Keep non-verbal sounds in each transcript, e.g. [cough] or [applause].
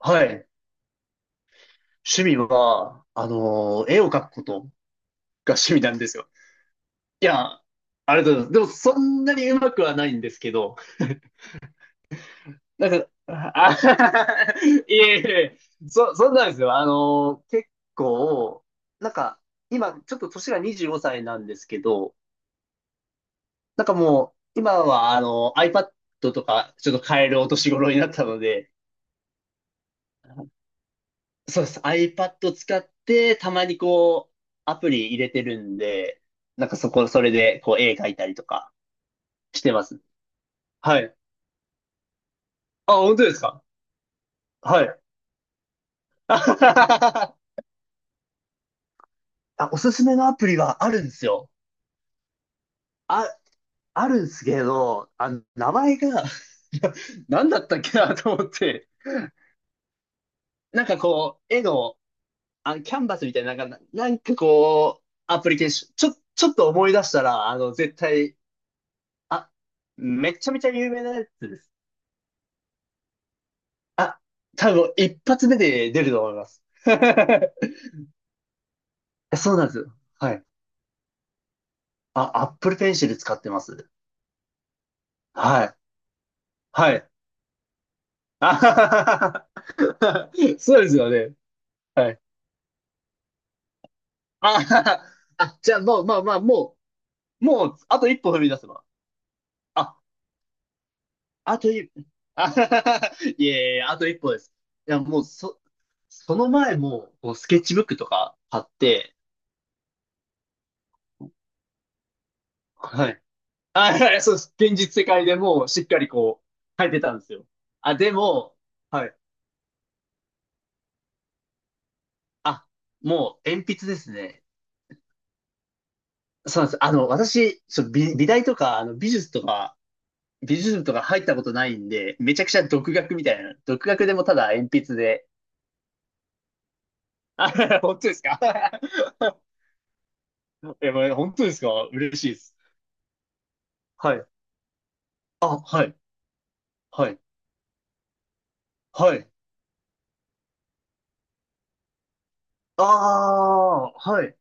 はい。趣味は、絵を描くことが趣味なんですよ。いや、ありがとうございます。でも、そんなにうまくはないんですけど、なんか、あ、[laughs] いえいえ、そんなんですよ。結構、なんか、今、ちょっと年が25歳なんですけど、なんかもう、今は、あの iPad とか、ちょっと買えるお年頃になったので、そうです。iPad 使って、たまにこう、アプリ入れてるんで、それで、こう、絵描いたりとかしてます。はい。あ、本当ですか？はい。[laughs] あ、おすすめのアプリがあるんですよ。あ、あるんですけど、あの、名前が [laughs] 何だったっけなと思って。なんかこう、絵の、あ、キャンバスみたいな、なんかこう、アプリケーション、ちょっと思い出したら、あの、絶対、あ、めちゃめちゃ有名なやつです。あ、多分一発目で出ると思います。[laughs] そうなんですよ。はい。あ、Apple Pencil 使ってます。はい。はい。[laughs] あははははそうですよね。はい。あはははあ、じゃあもう、まあまあ、もう、もう、あと一歩踏み出せば。あ、あと一、[laughs] あはははいえいえ、あと一歩です。いや、もう、そ、その前も、こうスケッチブックとか買って、はい。あ、はいそうです。現実世界でもしっかりこう、書いてたんですよ。あ、でも、はい。あ、もう鉛筆ですね。そうなんです。あの、私、美大とか、あの、美術とか、美術部とか入ったことないんで、めちゃくちゃ独学みたいな。独学でもただ鉛筆で。あ、[laughs] 本当ですか？ [laughs] え、まあ本当ですか？嬉しいです。はい。あ、はい。はい。はい。ああ、はい。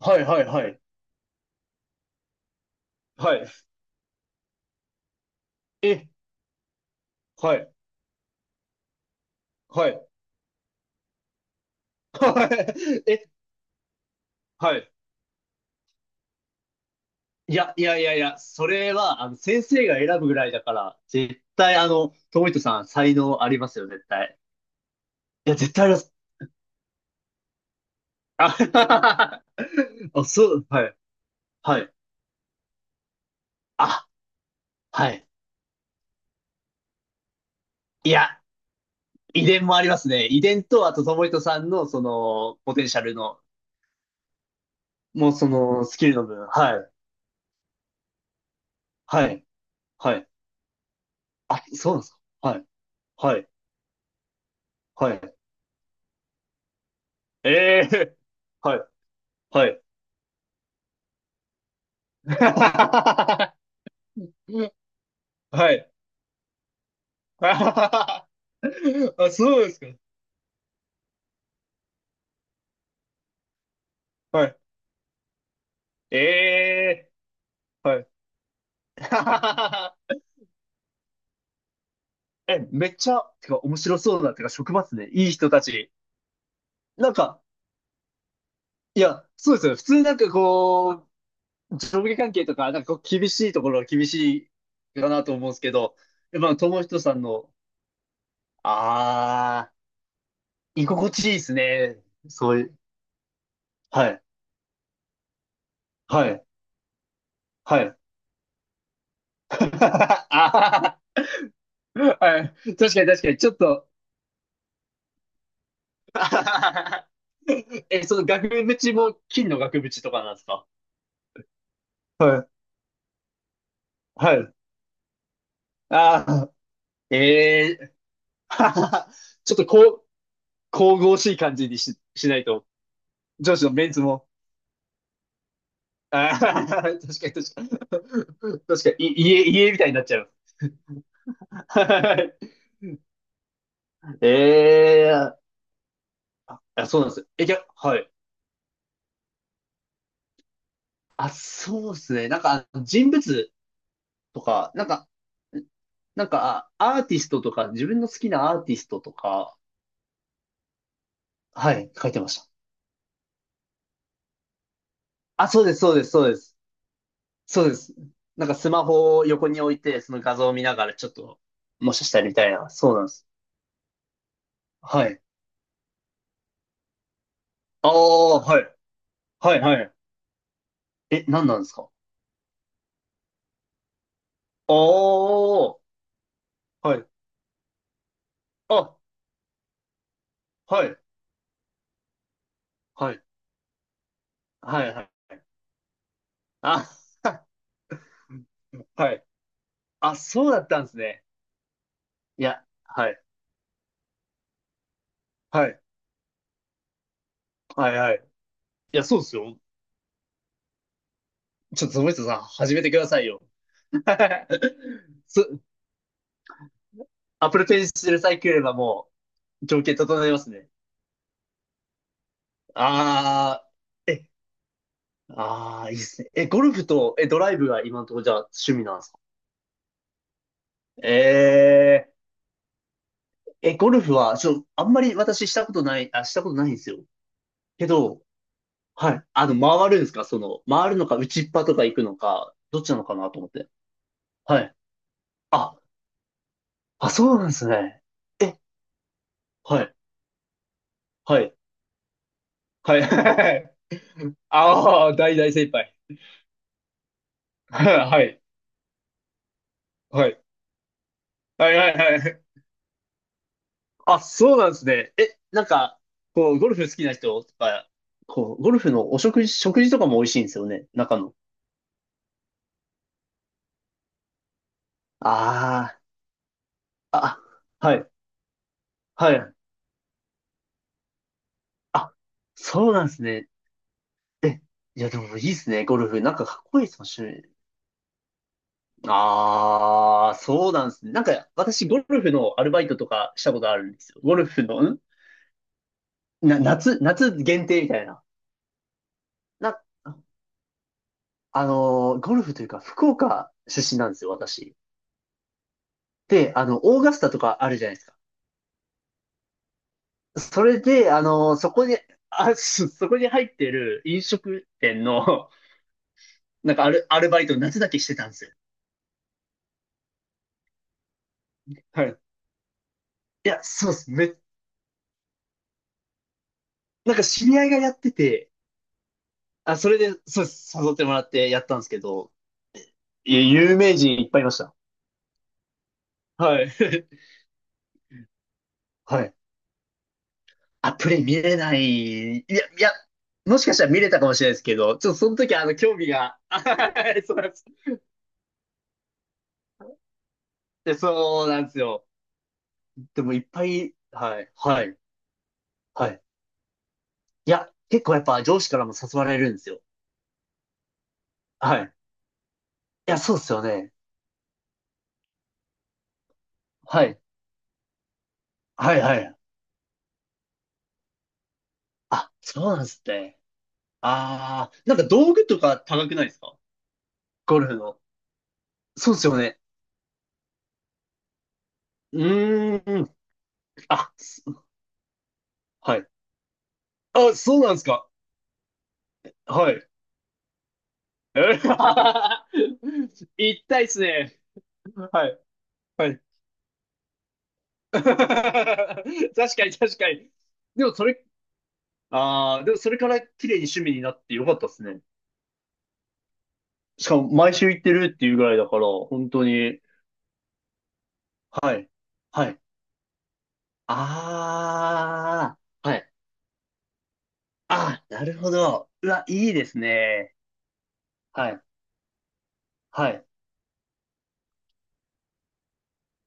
はい、はい、はい。はい。え、はい。はい。[laughs] はい。[laughs] え、はい。それは、あの、先生が選ぶぐらいだから、絶対、あの、トミトさん、才能ありますよ、絶対。いや、絶対あります。あ、[laughs] あそう、はい、はい。あ、はい。いや、遺伝もありますね。遺伝と、あと、トモヒトさんの、その、ポテンシャルの、もう、その、スキルの分。はい、はい、はい。あ、そうなんですか。はい、はい、はい。ええーはい、はい。[laughs] はい。[laughs] あ、そうですか。はい。ええはい。[laughs] え、めっちゃ、てか面白そうだ。てか職場っすね。いい人たち。なんか、いや、そうですよね。普通なんかこう、上下関係とか、なんかこう厳しいところは厳しいかなと思うんですけど、やっぱ友人さんの、あー、居心地いいですね。そういう、はい、はい、はい。[laughs] あーはい。確かに確かに、ちょっと、[laughs] え、その額縁も金の額縁とかなんですか？はい。はい。ああええー [laughs] ちょっとこう、神々しい感じにし、しないと、上司のメンツも、ああ [laughs] 確かに、家、家みたいになっちゃう。はいえ [laughs] えあ、あそうなんですよ。え、じゃ、はい。あ、そうですね。なんか、人物とか、なんか、アーティストとか、自分の好きなアーティストとか、はい、書いてました。あ、そうです、そうです、そうです。そうです。なんかスマホを横に置いて、その画像を見ながらちょっと、もしかしたらみたいな。そうなんです。はい。ああ、はい。はい、はい。え、何なんですか？ああ、はい。あ、はい。はい。はい、はい。あ、[laughs] はい。あ、そうだったんですね。いや、はい。はい。はい、はい。いや、そうですよ。ちょっと、その人さん、始めてくださいよ。[laughs] そ、アップルペンシルさえ来ればもう、条件整えますね。ああ、えああ、いいですね。え、ゴルフと、え、ドライブが今のところじゃあ趣味なんですか？えー、え、ゴルフは、あんまり私したことない、あ、したことないんですよ。けど、はい。あの、回るんですか？その、回るのか、打ちっぱとか行くのか、どっちなのかなと思って。はい。あ、あ、そうなんですね。え、はい、はい、はい。[laughs] ああ、大大先輩。[laughs] はい、はい、はい、はい、はい。あ、そうなんですね。え、なんか、こう、ゴルフ好きな人とか、こう、ゴルフのお食事、食事とかも美味しいんですよね、中の。ああ、あ、はい、はい。あ、そうなんですね。え、いや、でもいいですね、ゴルフ。なんかかっこいいですもん、趣味。ああ、そうなんですね。なんか、私、ゴルフのアルバイトとかしたことあるんですよ。ゴルフの、んな、夏、夏限定みたいな。な、ゴルフというか、福岡出身なんですよ、私。で、あの、オーガスタとかあるじゃないですか。それで、あの、そこに、そこに入ってる飲食店の、[laughs] なんかアル、アルバイトを夏だけしてたんですよ。はい。いや、そうです。め、なんか知り合いがやってて、あ、それで、そうです。誘ってもらってやったんですけど、いや、有名人いっぱいいました。はい。[laughs] はい。あ、プレイ見れない。もしかしたら見れたかもしれないですけど、ちょっとその時あの、興味が、[laughs] あそうなんです。でそうなんですよ。でもいっぱい、はい、はい、はい。いや、結構やっぱ上司からも誘われるんですよ。はい。いや、そうですよね。はい。はいはい。あ、そうなんですね。ああ、なんか道具とか高くないですか？ゴルフの。そうですよね。うーん。あ、すはい。あ、そうなんですか。はい。えー [laughs] たいっすね。はい。はい。[laughs] 確か確かに。でもそれ、ああ、でもそれから綺麗に趣味になってよかったっすね。しかも毎週行ってるっていうぐらいだから、本当にはい。はい。ああ、はい。ああ、なるほど。うわ、いいですね。はい。はい。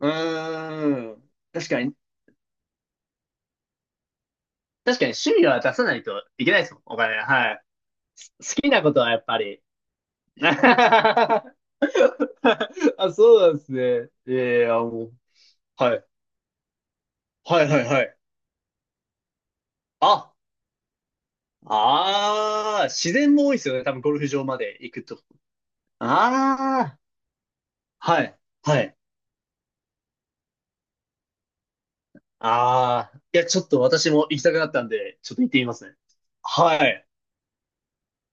うーん。確かに、確かに趣味は出さないといけないですもん、お金。はい。好きなことはやっぱり。[laughs] あ、そうなんですね。いやいや、もう。はい。はいはいはい。あ、ああ、自然も多いですよね。多分ゴルフ場まで行くと。ああ、はい。はい。ああ、いや、ちょっと私も行きたくなったんで、ちょっと行ってみますね。はい。